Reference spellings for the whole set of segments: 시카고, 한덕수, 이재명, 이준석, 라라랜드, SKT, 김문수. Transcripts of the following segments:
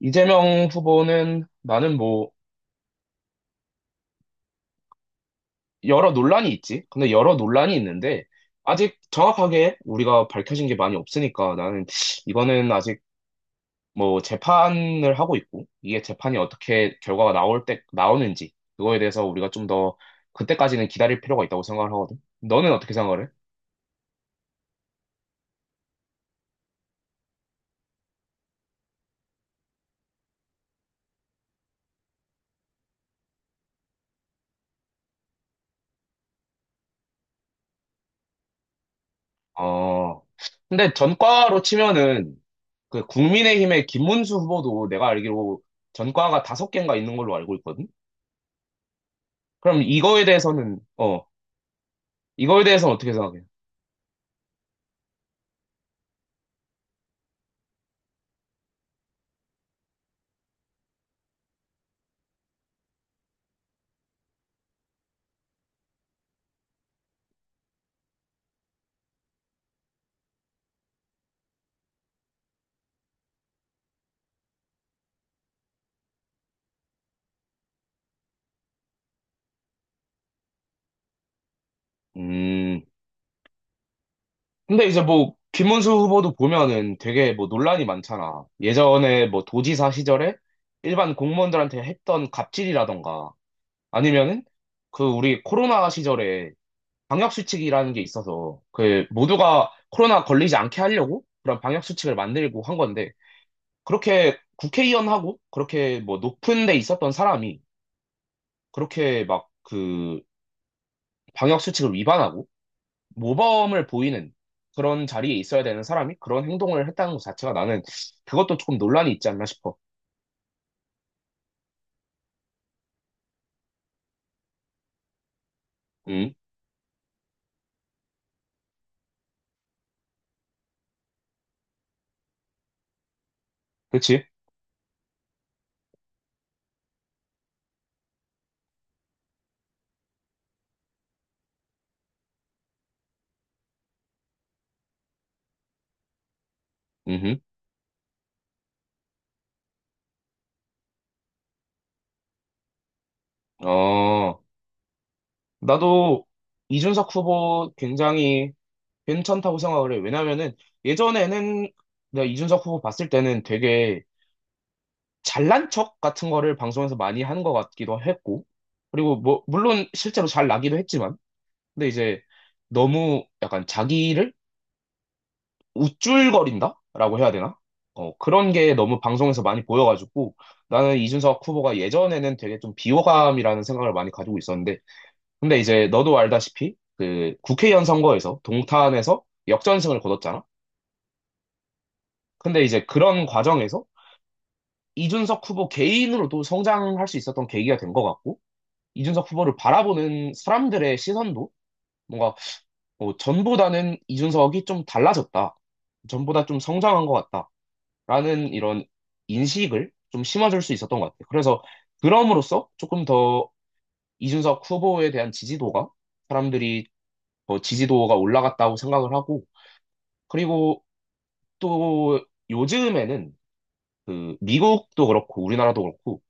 이재명 후보는 나는 여러 논란이 있지. 근데 여러 논란이 있는데 아직 정확하게 우리가 밝혀진 게 많이 없으니까 나는 이거는 아직 재판을 하고 있고 이게 재판이 어떻게 결과가 나올 때 나오는지 그거에 대해서 우리가 좀 더 그때까지는 기다릴 필요가 있다고 생각을 하거든. 너는 어떻게 생각을 해? 어. 근데 전과로 치면은 그 국민의힘의 김문수 후보도 내가 알기로 전과가 다섯 개인가 있는 걸로 알고 있거든. 그럼 이거에 대해서는 이거에 대해서는 어떻게 생각해요? 음, 근데 이제 김문수 후보도 보면은 되게 논란이 많잖아. 예전에 도지사 시절에 일반 공무원들한테 했던 갑질이라던가, 아니면은 그 우리 코로나 시절에 방역수칙이라는 게 있어서, 그 모두가 코로나 걸리지 않게 하려고 그런 방역수칙을 만들고 한 건데, 그렇게 국회의원하고 그렇게 높은 데 있었던 사람이 그렇게 막 그 방역수칙을 위반하고, 모범을 보이는 그런 자리에 있어야 되는 사람이 그런 행동을 했다는 것 자체가 나는 그것도 조금 논란이 있지 않나 싶어. 음, 그치? 음, 어, 나도 이준석 후보 굉장히 괜찮다고 생각을 해. 왜냐면은 예전에는 내가 이준석 후보 봤을 때는 되게 잘난 척 같은 거를 방송에서 많이 하는 것 같기도 했고, 그리고 물론 실제로 잘 나기도 했지만, 근데 이제 너무 약간 자기를 우쭐거린다라고 해야 되나? 그런 게 너무 방송에서 많이 보여가지고 나는 이준석 후보가 예전에는 되게 좀 비호감이라는 생각을 많이 가지고 있었는데 근데 이제 너도 알다시피 그 국회의원 선거에서 동탄에서 역전승을 거뒀잖아. 근데 이제 그런 과정에서 이준석 후보 개인으로도 성장할 수 있었던 계기가 된 것 같고 이준석 후보를 바라보는 사람들의 시선도 뭔가 전보다는 이준석이 좀 달라졌다. 전보다 좀 성장한 것 같다. 라는 이런 인식을 좀 심어줄 수 있었던 것 같아요. 그래서 그럼으로써 조금 더 이준석 후보에 대한 지지도가 사람들이 더 지지도가 올라갔다고 생각을 하고 그리고 또 요즘에는 그 미국도 그렇고 우리나라도 그렇고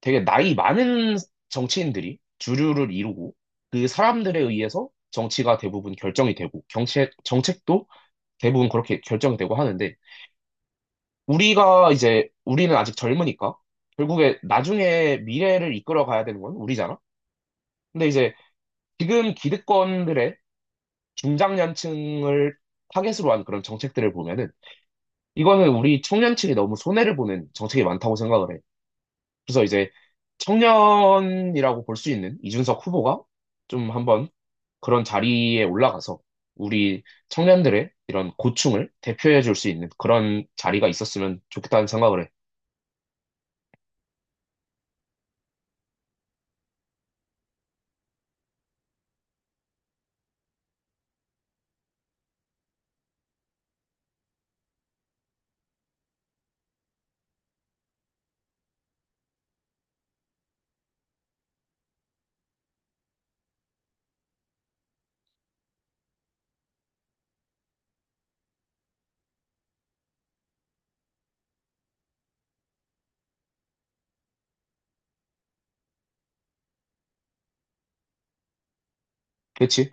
되게 나이 많은 정치인들이 주류를 이루고 그 사람들에 의해서 정치가 대부분 결정이 되고 경책, 정책도 대부분 그렇게 결정이 되고 하는데 우리가 이제 우리는 아직 젊으니까 결국에 나중에 미래를 이끌어 가야 되는 건 우리잖아. 근데 이제 지금 기득권들의 중장년층을 타겟으로 한 그런 정책들을 보면은 이거는 우리 청년층이 너무 손해를 보는 정책이 많다고 생각을 해. 그래서 이제 청년이라고 볼 수 있는 이준석 후보가 좀 한번 그런 자리에 올라가서 우리 청년들의 이런 고충을 대표해 줄 수 있는 그런 자리가 있었으면 좋겠다는 생각을 해. 그렇지?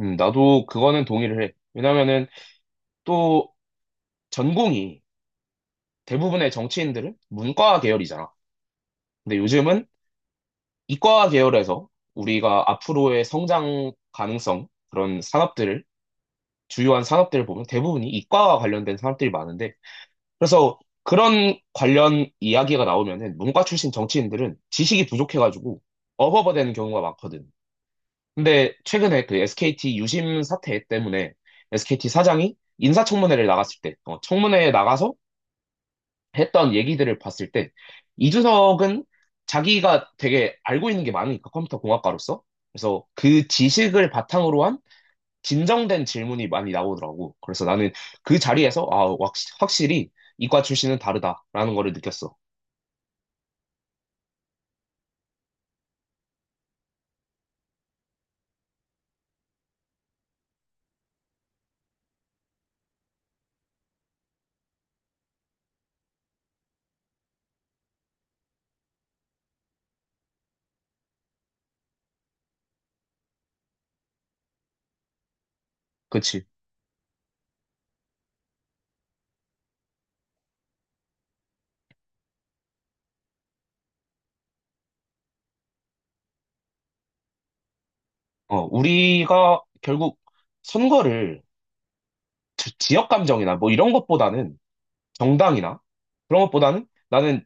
나도 그거는 동의를 해. 왜냐면은 또 전공이 대부분의 정치인들은 문과 계열이잖아. 근데 요즘은 이과 계열에서 우리가 앞으로의 성장 가능성, 그런 산업들을, 주요한 산업들을 보면 대부분이 이과와 관련된 산업들이 많은데, 그래서 그런 관련 이야기가 나오면은 문과 출신 정치인들은 지식이 부족해가지고 어버버 되는 경우가 많거든. 근데 최근에 그 SKT 유심 사태 때문에 SKT 사장이 인사청문회를 나갔을 때, 청문회에 나가서 했던 얘기들을 봤을 때, 이준석은 자기가 되게 알고 있는 게 많으니까 컴퓨터 공학과로서. 그래서 그 지식을 바탕으로 한 진정된 질문이 많이 나오더라고. 그래서 나는 그 자리에서, 확실히 이과 출신은 다르다라는 거를 느꼈어. 그치. 어, 우리가 결국 선거를 지역 감정이나 이런 것보다는 정당이나 그런 것보다는 나는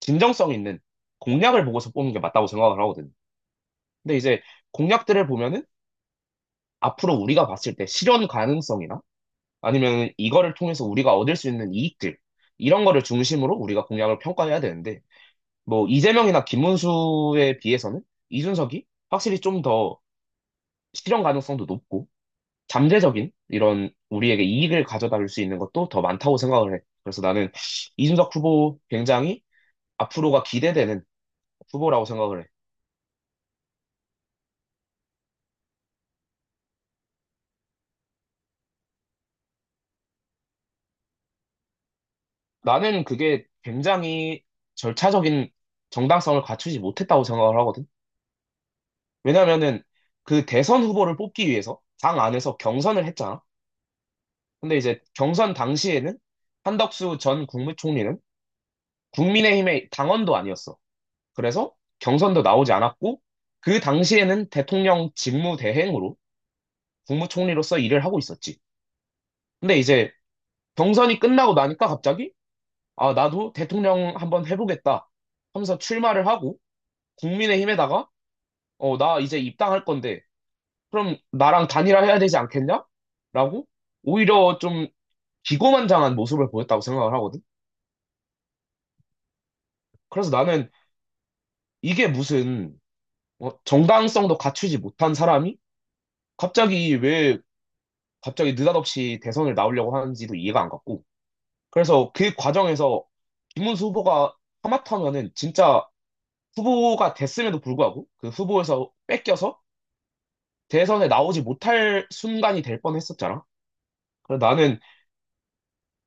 진정성 있는 공약을 보고서 뽑는 게 맞다고 생각을 하거든. 근데 이제 공약들을 보면은 앞으로 우리가 봤을 때 실현 가능성이나 아니면 이거를 통해서 우리가 얻을 수 있는 이익들 이런 거를 중심으로 우리가 공약을 평가해야 되는데 이재명이나 김문수에 비해서는 이준석이 확실히 좀 더 실현 가능성도 높고 잠재적인 이런 우리에게 이익을 가져다 줄 수 있는 것도 더 많다고 생각을 해. 그래서 나는 이준석 후보 굉장히 앞으로가 기대되는 후보라고 생각을 해. 나는 그게 굉장히 절차적인 정당성을 갖추지 못했다고 생각을 하거든. 왜냐면은 그 대선 후보를 뽑기 위해서 당 안에서 경선을 했잖아. 근데 이제 경선 당시에는 한덕수 전 국무총리는 국민의힘의 당원도 아니었어. 그래서 경선도 나오지 않았고 그 당시에는 대통령 직무대행으로 국무총리로서 일을 하고 있었지. 근데 이제 경선이 끝나고 나니까 갑자기 아, 나도 대통령 한번 해보겠다 하면서 출마를 하고 국민의힘에다가 어, 나 이제 입당할 건데 그럼 나랑 단일화해야 되지 않겠냐? 라고 오히려 좀 기고만장한 모습을 보였다고 생각을 하거든. 그래서 나는 이게 무슨 정당성도 갖추지 못한 사람이 갑자기 왜 갑자기 느닷없이 대선을 나오려고 하는지도 이해가 안 갔고. 그래서 그 과정에서 김문수 후보가 하마터면은 진짜 후보가 됐음에도 불구하고 그 후보에서 뺏겨서 대선에 나오지 못할 순간이 될 뻔했었잖아. 그래서 나는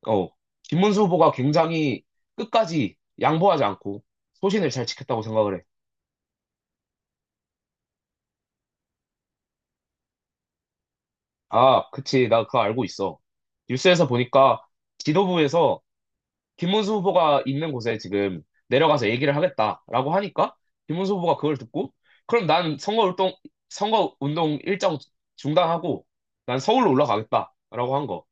어, 김문수 후보가 굉장히 끝까지 양보하지 않고 소신을 잘 지켰다고 생각을 해. 아, 그치. 나 그거 알고 있어. 뉴스에서 보니까 지도부에서 김문수 후보가 있는 곳에 지금 내려가서 얘기를 하겠다라고 하니까 김문수 후보가 그걸 듣고 그럼 선거운동 일정 중단하고 난 서울로 올라가겠다라고 한 거.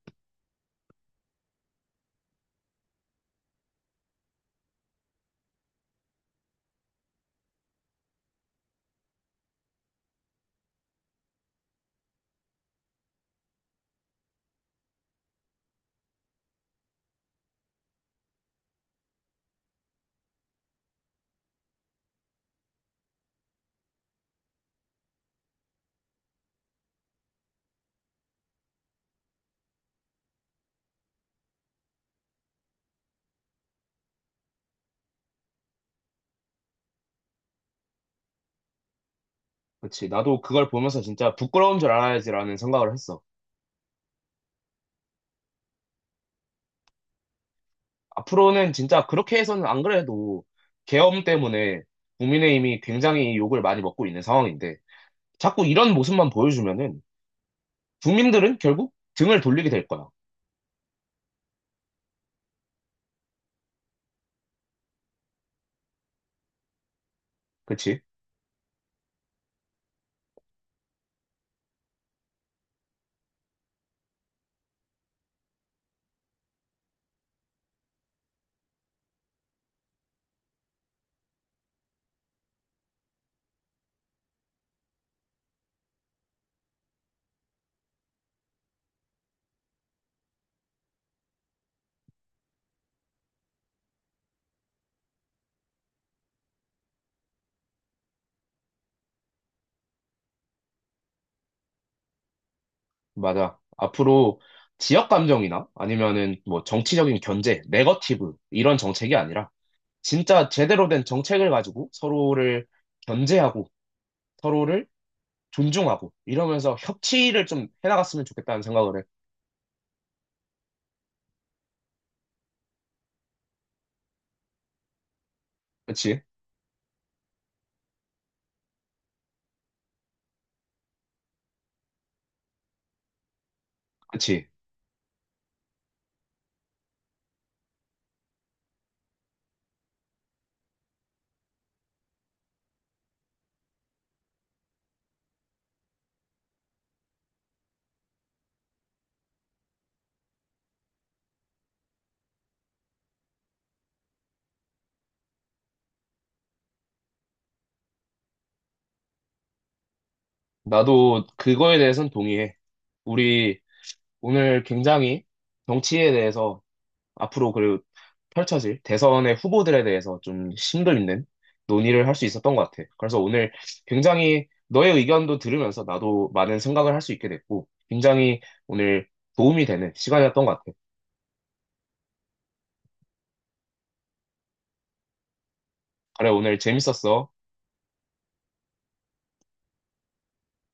그치. 나도 그걸 보면서 진짜 부끄러운 줄 알아야지라는 생각을 했어. 앞으로는 진짜 그렇게 해서는 안 그래도 계엄 때문에 국민의힘이 굉장히 욕을 많이 먹고 있는 상황인데 자꾸 이런 모습만 보여주면은 국민들은 결국 등을 돌리게 될 거야. 그치? 맞아. 앞으로 지역 감정이나 아니면은 정치적인 견제, 네거티브 이런 정책이 아니라 진짜 제대로 된 정책을 가지고 서로를 견제하고 서로를 존중하고 이러면서 협치를 좀 해나갔으면 좋겠다는 생각을 해. 그치? 그치? 나도 그거에 대해서는 동의해. 우리 오늘 굉장히 정치에 대해서 앞으로 그리고 펼쳐질 대선의 후보들에 대해서 좀 심도 있는 논의를 할 수 있었던 것 같아. 그래서 오늘 굉장히 너의 의견도 들으면서 나도 많은 생각을 할 수 있게 됐고, 굉장히 오늘 도움이 되는 시간이었던 것 같아. 그래, 오늘 재밌었어.